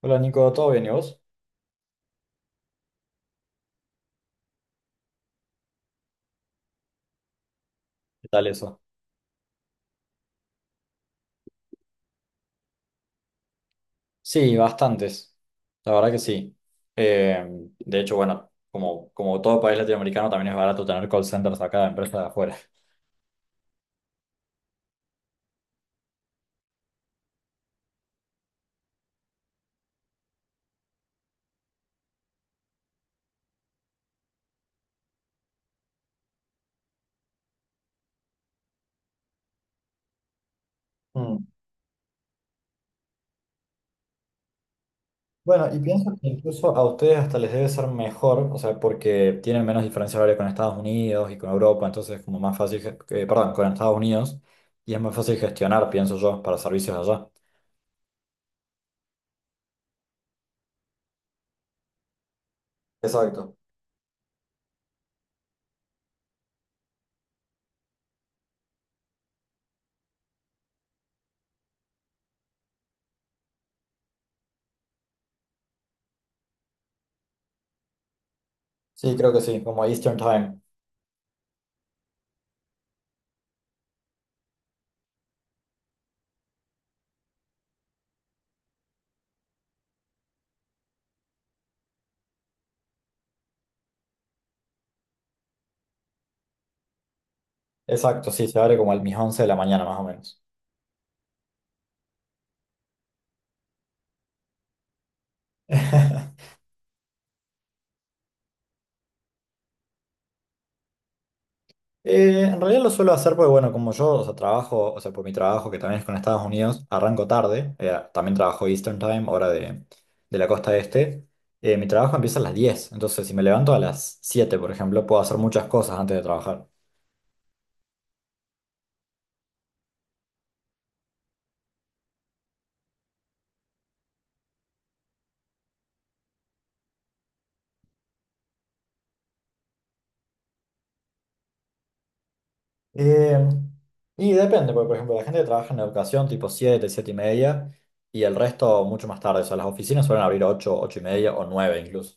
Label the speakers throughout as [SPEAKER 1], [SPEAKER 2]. [SPEAKER 1] Hola Nico, ¿todo bien y vos? ¿Qué tal eso? Sí, bastantes, la verdad que sí. Eh, de hecho, bueno, como todo país latinoamericano, también es barato tener call centers acá de empresas de afuera. Mm. Bueno, y pienso que incluso a ustedes hasta les debe ser mejor, o sea, porque tienen menos diferencia horaria con Estados Unidos y con Europa, entonces es como más fácil, perdón, con Estados Unidos, y es más fácil gestionar, pienso yo, para servicios allá. Exacto. Sí, creo que sí, como Eastern Time. Exacto, sí, se abre como a mis 11 de la mañana más o menos. En realidad lo suelo hacer porque, bueno, como yo, o sea, trabajo, o sea, por mi trabajo, que también es con Estados Unidos, arranco tarde, también trabajo Eastern Time, hora de la costa este, mi trabajo empieza a las 10, entonces si me levanto a las 7, por ejemplo, puedo hacer muchas cosas antes de trabajar. Eh, y depende, porque, por ejemplo, la gente que trabaja en educación, tipo 7, 7 y media, y el resto mucho más tarde, o sea, las oficinas suelen abrir 8, 8 y media o 9 incluso.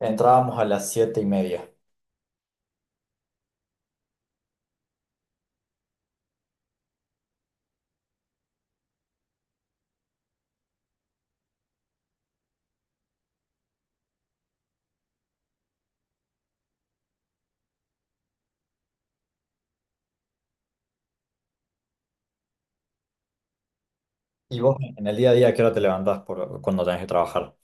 [SPEAKER 1] Entrábamos a las 7 y media. ¿Y vos en el día a día, a qué hora te levantás por, cuando tenés que trabajar?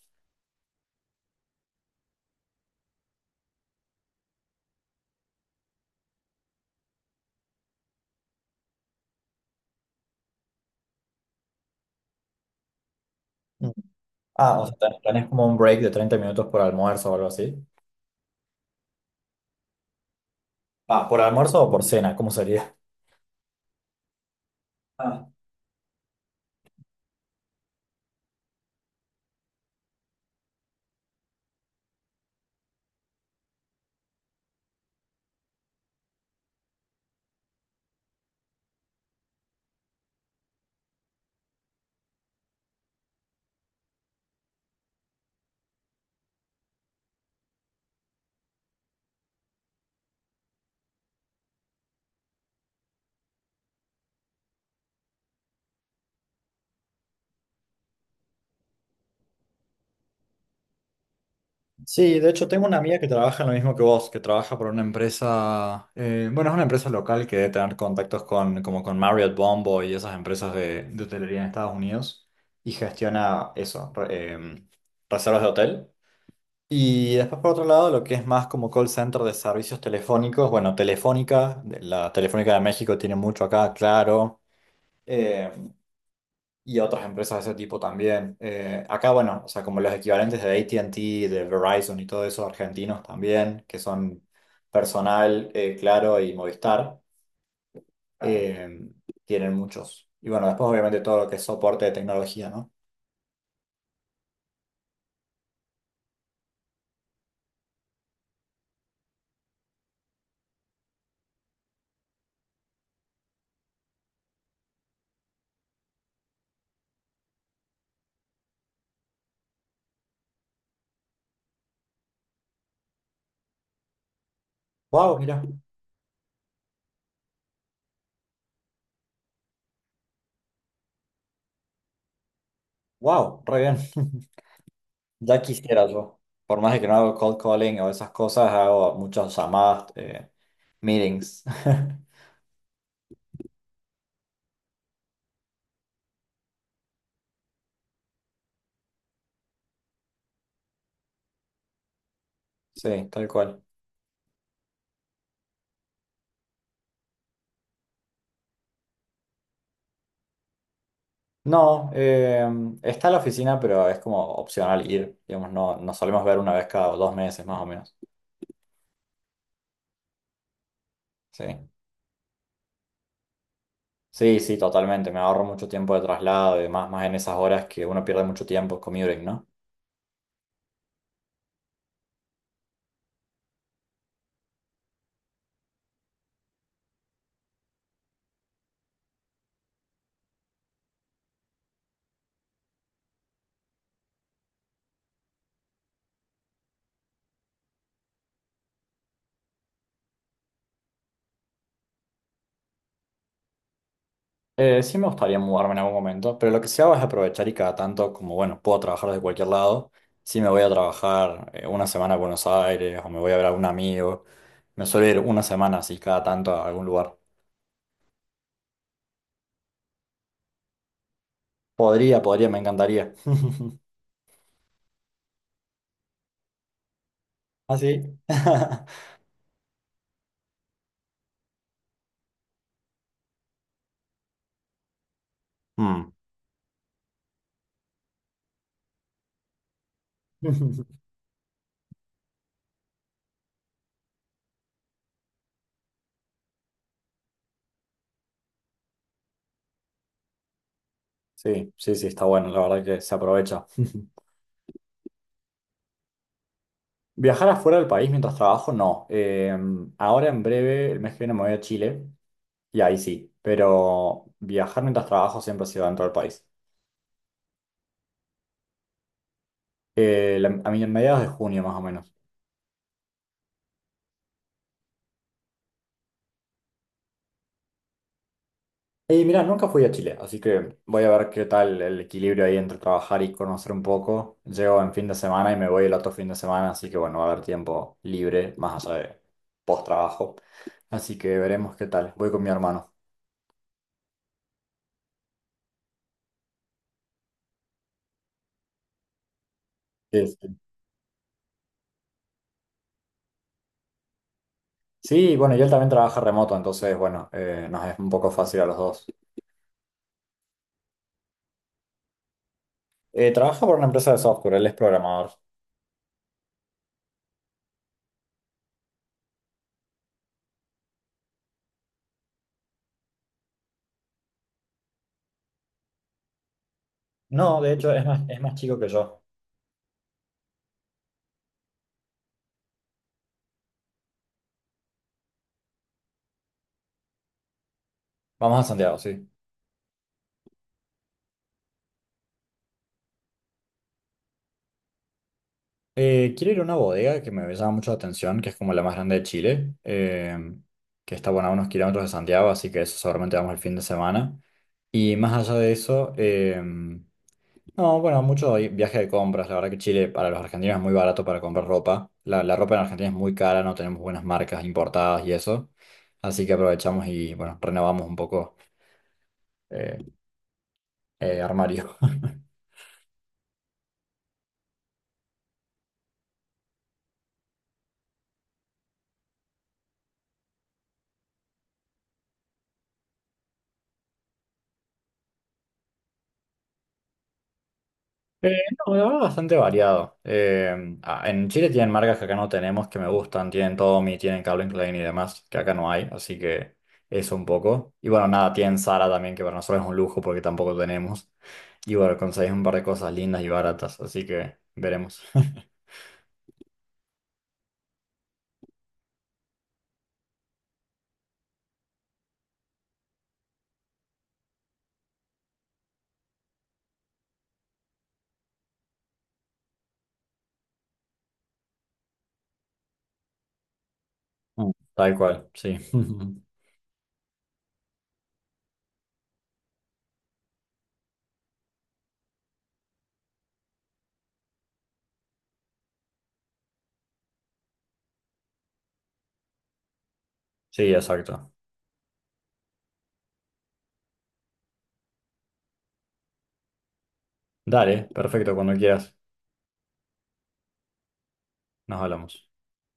[SPEAKER 1] Ah, o sea, tenés como un break de 30 minutos por almuerzo o algo así. Ah, ¿por almuerzo o por cena? ¿Cómo sería? Ah. Sí, de hecho tengo una amiga que trabaja en lo mismo que vos, que trabaja por una empresa, bueno, es una empresa local que debe tener contactos con, como con Marriott Bombo y esas empresas de hotelería en Estados Unidos y gestiona eso, reservas de hotel. Y después por otro lado, lo que es más como call center de servicios telefónicos, bueno, Telefónica, de- la Telefónica de México tiene mucho acá, claro. eh, Y otras empresas de ese tipo también. Acá, bueno, o sea, como los equivalentes de AT&T, de Verizon y todo eso, argentinos también, que son Personal, Claro y Movistar, eh, tienen muchos. Y bueno, después obviamente todo lo que es soporte de tecnología, ¿no? ¡Wow! Mira, ¡wow! Re bien. Ya quisiera yo. Por más de que no hago cold calling o esas cosas, hago muchas llamadas, meetings. Sí, tal cual. No, está la oficina, pero es como opcional ir, digamos, no, nos solemos ver una vez cada 2 meses más o menos. Sí, sí, sí, totalmente, me ahorro mucho tiempo de traslado y demás, más en esas horas que uno pierde mucho tiempo commuting, ¿no? Sí me gustaría mudarme en algún momento, pero lo que sí hago es aprovechar y cada tanto, como bueno, puedo trabajar desde cualquier lado, sí me voy a trabajar una semana a Buenos Aires o me voy a ver a algún amigo, me suelo ir una semana así cada tanto a algún lugar. Podría, podría, me encantaría. Así. Sí, sí, sí, está bueno, la verdad que se aprovecha. Viajar afuera del país mientras trabajo, no. Ahora en breve, el mes que viene me voy a Chile y ahí sí, pero viajar mientras trabajo siempre ha sido dentro del país. La- a mí en mediados de junio más o menos. Y mira, nunca fui a Chile, así que voy a ver qué tal el equilibrio ahí entre trabajar y conocer un poco. Llego en fin de semana y me voy el otro fin de semana, así que bueno, va a haber tiempo libre más allá de post trabajo. Así que veremos qué tal. Voy con mi hermano. Sí, sí. Sí, bueno, y él también trabaja remoto, entonces, bueno, nos es un poco fácil a los dos. Trabaja por una empresa de software, él es programador. No, de hecho, es más chico que yo. Vamos a Santiago, sí. Quiero ir a una bodega que me llama mucho la atención, que es como la más grande de Chile, que está, bueno, a unos kilómetros de Santiago, así que eso seguramente vamos el fin de semana. Y más allá de eso, no, bueno, mucho viaje de compras. La verdad que Chile para los argentinos es muy barato para comprar ropa. La ropa en Argentina es muy cara, no tenemos buenas marcas importadas y eso. Así que aprovechamos y, bueno, renovamos un poco eh, armario. Eh, no, la verdad, bastante variado. Ah, en Chile tienen marcas que acá no tenemos, que me gustan. Tienen Tommy, tienen Calvin Klein y demás, que acá no hay. Así que eso un poco. Y bueno, nada, tienen Zara también, que para nosotros es un lujo porque tampoco tenemos. Y bueno, conseguís un par de cosas lindas y baratas. Así que veremos. Mm. Tal cual, sí. Sí, exacto. Dale, perfecto, cuando quieras. Nos hablamos.